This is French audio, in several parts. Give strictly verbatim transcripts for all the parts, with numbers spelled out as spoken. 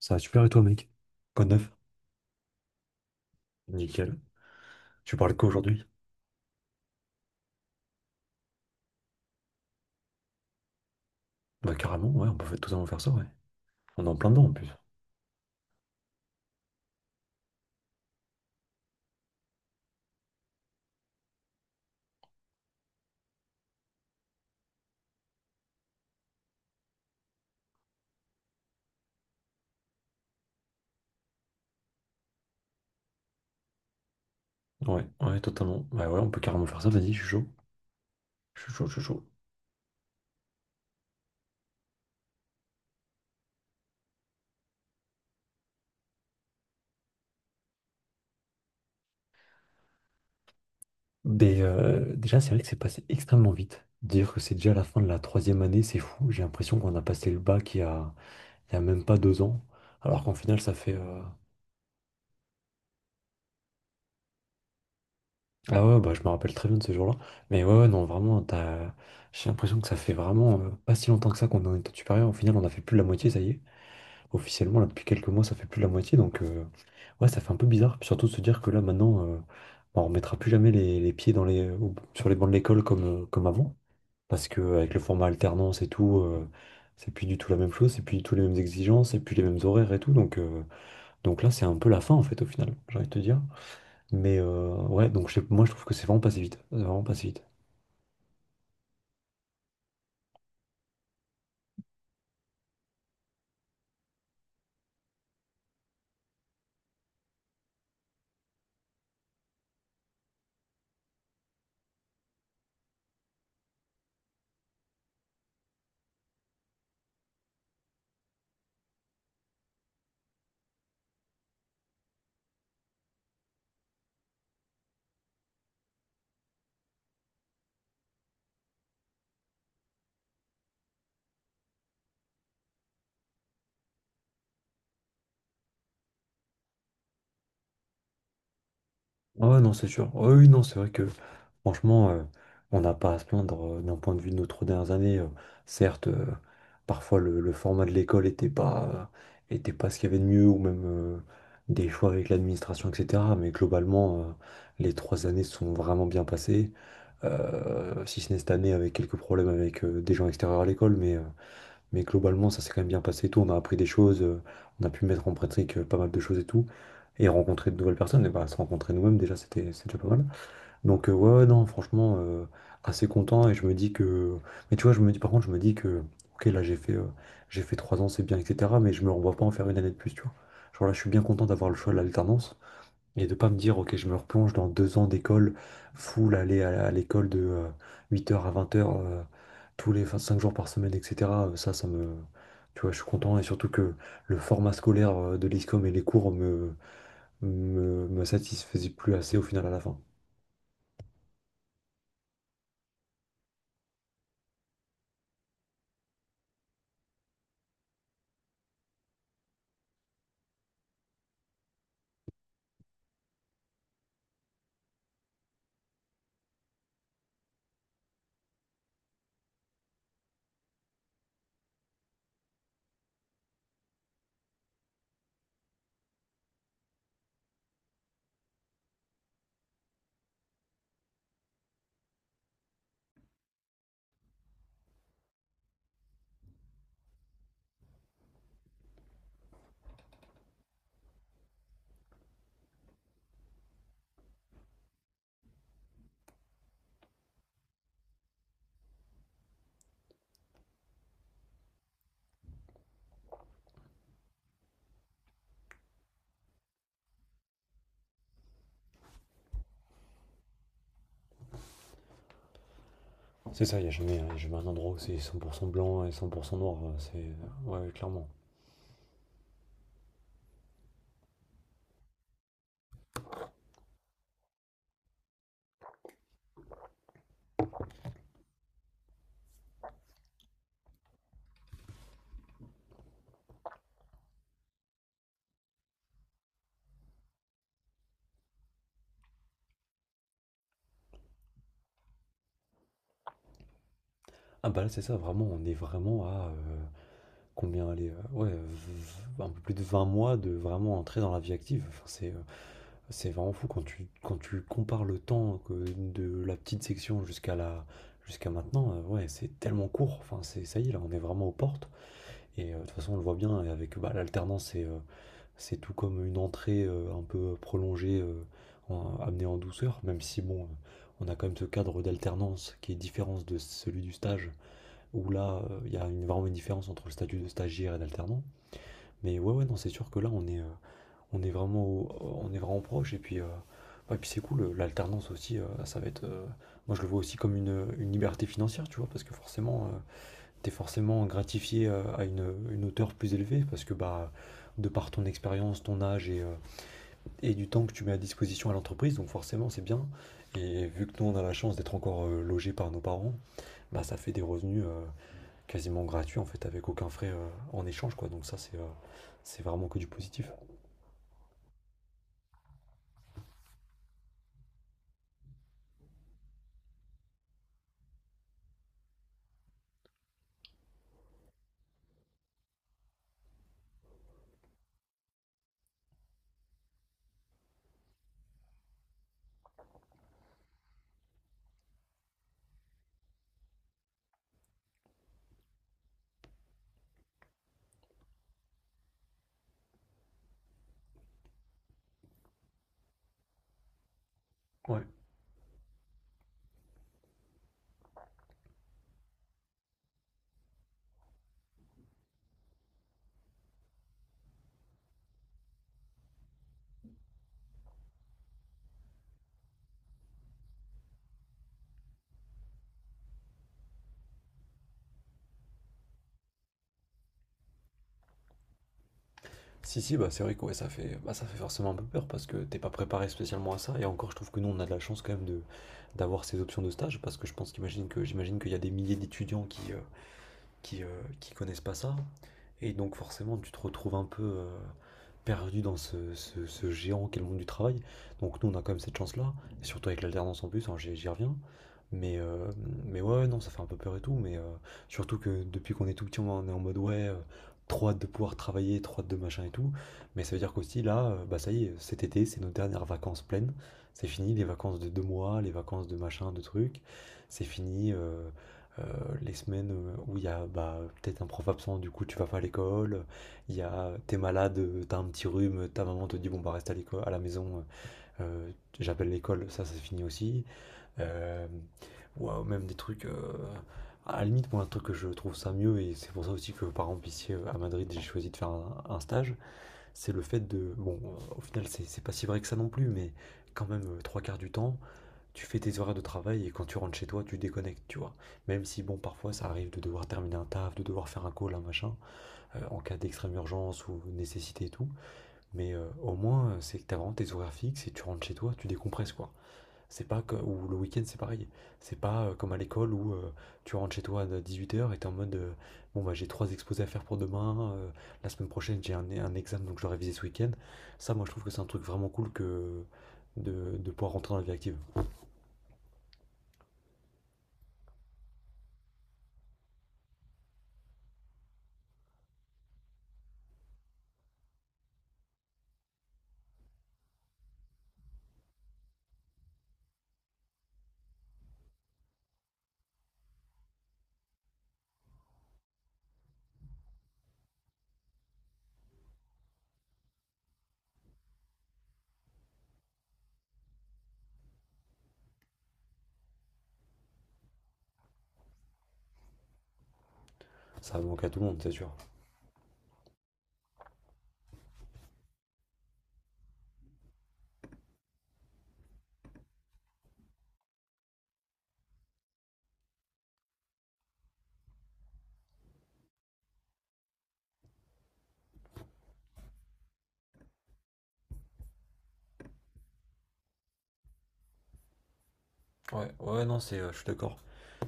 Ça va super, et toi, mec? Quoi de neuf? Nickel. Tu parles quoi aujourd'hui? Bah carrément, ouais, on peut fa- totalement faire ça, ouais. On est en plein dedans en plus. Ouais, ouais, totalement. Ouais, ouais, on peut carrément faire ça, vas-y, je suis chaud. Je suis chaud, je suis chaud. Mais euh, déjà, c'est vrai que c'est passé extrêmement vite. Dire que c'est déjà la fin de la troisième année, c'est fou. J'ai l'impression qu'on a passé le bac il y a, il y a même pas deux ans. Alors qu'en final, ça fait... euh, Ah ouais, bah je me rappelle très bien de ce jour-là. Mais ouais, ouais, non, vraiment, t'as... j'ai l'impression que ça fait vraiment euh, pas si longtemps que ça qu'on est en études supérieures. Au final, on a fait plus de la moitié, ça y est, officiellement là depuis quelques mois. Ça fait plus de la moitié, donc euh, ouais, ça fait un peu bizarre. Puis surtout de se dire que là maintenant, euh, bah, on remettra plus jamais les, les pieds dans les, euh, au- sur les bancs de l'école comme, euh, comme avant, parce que euh, avec le format alternance et tout, euh, c'est plus du tout la même chose, c'est plus du tout les mêmes exigences, c'est plus les mêmes horaires et tout. Donc, euh, donc là c'est un peu la fin en fait au final, j'ai envie de te dire. Mais euh, ouais, donc je sais- moi je trouve que c'est vraiment passé vite. C'est vraiment passé vite. Ah ouais, non, c'est sûr. Ouais, oui, non, c'est vrai que franchement, euh, on n'a pas à se plaindre euh, d'un point de vue de nos trois dernières années. Euh, certes, euh, parfois le, le format de l'école n'était pas, euh, était pas ce qu'il y avait de mieux, ou même euh, des choix avec l'administration, et cetera. Mais globalement, euh, les trois années se sont vraiment bien passées. Euh, si ce n'est cette année avec quelques problèmes avec euh, des gens extérieurs à l'école. Mais. euh, mais globalement, ça s'est quand même bien passé et tout. On a appris des choses, euh, on a pu mettre en pratique euh, pas mal de choses et tout. Et rencontrer de nouvelles personnes, et bah, se rencontrer nous-mêmes, déjà, c'était c'est déjà pas mal. Donc, euh, ouais, ouais, non, franchement, euh, assez content. Et je me dis que... Mais tu vois, je me dis, par contre, je me dis que, ok, là, j'ai fait, euh, j'ai fait trois ans, c'est bien, et cetera. Mais je me revois pas en faire une année de plus, tu vois. Genre là, je suis bien content d'avoir le choix de l'alternance. Et de pas me dire, ok, je me replonge dans deux ans d'école, full, aller à, à l'école de euh, huit heures à vingt heures euh, tous les cinq jours par semaine, et cetera. Euh, ça, ça me... Tu vois, je suis content. Et surtout que le format scolaire euh, de l'ISCOM et les cours me, me, me satisfaisaient plus assez au final à la fin. C'est ça, il n'y a jamais, y jamais un endroit où c'est cent pour cent blanc et cent pour cent noir. Euh, C'est. Ouais, ouais, clairement. Ah bah là, c'est ça, vraiment, on est vraiment à... euh, Combien aller... Ouais, v- v- un peu plus de vingt mois de vraiment entrer dans la vie active. Enfin, c'est... euh, C'est vraiment fou quand tu, quand tu compares le temps que de la petite section jusqu'à la, jusqu'à maintenant. euh, ouais, c'est tellement court. Enfin, c'est, ça y est, là, on est vraiment aux portes. Et euh, de toute façon, on le voit bien. et Avec bah, l'alternance, c'est euh, c'est tout comme une entrée euh, un peu prolongée, euh, en- amenée en douceur. Même si, bon, euh, on a quand même ce cadre d'alternance qui est différent de celui du stage, où là, euh, il y a une, vraiment une différence entre le statut de stagiaire et d'alternant. Mais ouais, ouais, non, c'est sûr que là, on est, euh, on est vraiment, au- euh, on est vraiment proche. Et puis, euh, ouais, puis c'est cool, euh, l'alternance aussi, euh, ça va être, euh, moi je le vois aussi comme une, une liberté financière, tu vois, parce que forcément, euh, t'es forcément gratifié euh, à une, une hauteur plus élevée, parce que bah, de par ton expérience, ton âge et, euh, et du temps que tu mets à disposition à l'entreprise, donc forcément c'est bien. Et vu que nous on a la chance d'être encore logé logés par nos parents, bah ça fait des revenus euh, quasiment gratuits en fait, avec aucun frais euh, en échange quoi. Donc ça c'est euh, c'est vraiment que du positif. Ouais. Si, si, bah c'est vrai que ouais, ça fait, bah, ça fait forcément un peu peur parce que t'es pas préparé spécialement à ça. Et encore, je trouve que nous, on a de la chance quand même de d'avoir ces options de stage, parce que je pense qu'imagine que j'imagine qu'il y a des milliers d'étudiants qui, euh, qui, euh, qui connaissent pas ça. Et donc forcément, tu te retrouves un peu euh, perdu dans ce, ce- ce géant qu'est le monde du travail. Donc nous, on a quand même cette chance-là, et surtout avec l'alternance en plus, hein, j'y j'y reviens. Mais, euh, mais ouais, ouais, non, ça fait un peu peur et tout, mais euh, surtout que depuis qu'on est tout petit, on est en mode ouais, euh, trop hâte de pouvoir travailler, trop hâte de machin et tout. Mais ça veut dire qu'aussi là, euh, bah ça y est, cet été, c'est nos dernières vacances pleines. C'est fini, les vacances de deux mois, les vacances de machin, de trucs. C'est fini. euh, euh, les semaines euh, où il y a bah, peut-être un prof absent, du coup tu vas pas à l'école, il y a t'es malade, euh, t'as un petit rhume, ta maman te dit bon bah reste à l'école, à la maison, euh, j'appelle l'école, ça c'est fini aussi. Euh, ou même des trucs, euh, à la limite moi un truc que je trouve ça mieux, et c'est pour ça aussi que par exemple ici euh, à Madrid j'ai choisi de faire un, un stage, c'est le fait de, bon euh, au final c'est c'est pas si vrai que ça non plus, mais quand même euh, trois quarts du temps tu fais tes horaires de travail, et quand tu rentres chez toi, tu déconnectes, tu vois. Même si, bon, parfois ça arrive de devoir terminer un taf, de devoir faire un call, un machin, euh, en cas d'extrême urgence ou nécessité et tout. Mais euh, au moins, euh, c'est que t'as vraiment tes horaires fixes et tu rentres chez toi, tu décompresses, quoi. C'est pas que. Ou le week-end, c'est pareil. C'est pas euh, comme à l'école où euh, tu rentres chez toi à dix-huit heures et t'es en mode euh, bon, bah j'ai trois exposés à faire pour demain, euh, la semaine prochaine j'ai un, un examen donc je dois réviser ce week-end. Ça, moi, je trouve que c'est un truc vraiment cool que de, de pouvoir rentrer dans la vie active. Ça manque à tout le monde, c'est sûr. Ouais, ouais, non, c'est, euh, je suis d'accord.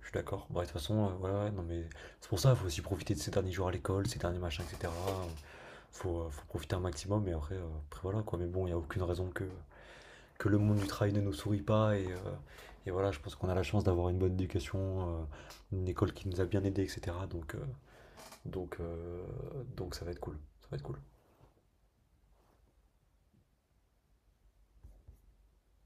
Je suis d'accord. Bah, de toute façon, euh, ouais, ouais, non, mais c'est pour ça, il faut aussi profiter de ces derniers jours à l'école, ces derniers machins, et cetera. Faut, euh, faut profiter un maximum, et après, euh, après voilà, quoi. Mais bon, il n'y a aucune raison que, que le monde du travail ne nous sourit pas, et, euh, et voilà, je pense qu'on a la chance d'avoir une bonne éducation, euh, une école qui nous a bien aidés, et cetera. Donc, euh, donc, euh, donc ça va être cool. Ça va être cool.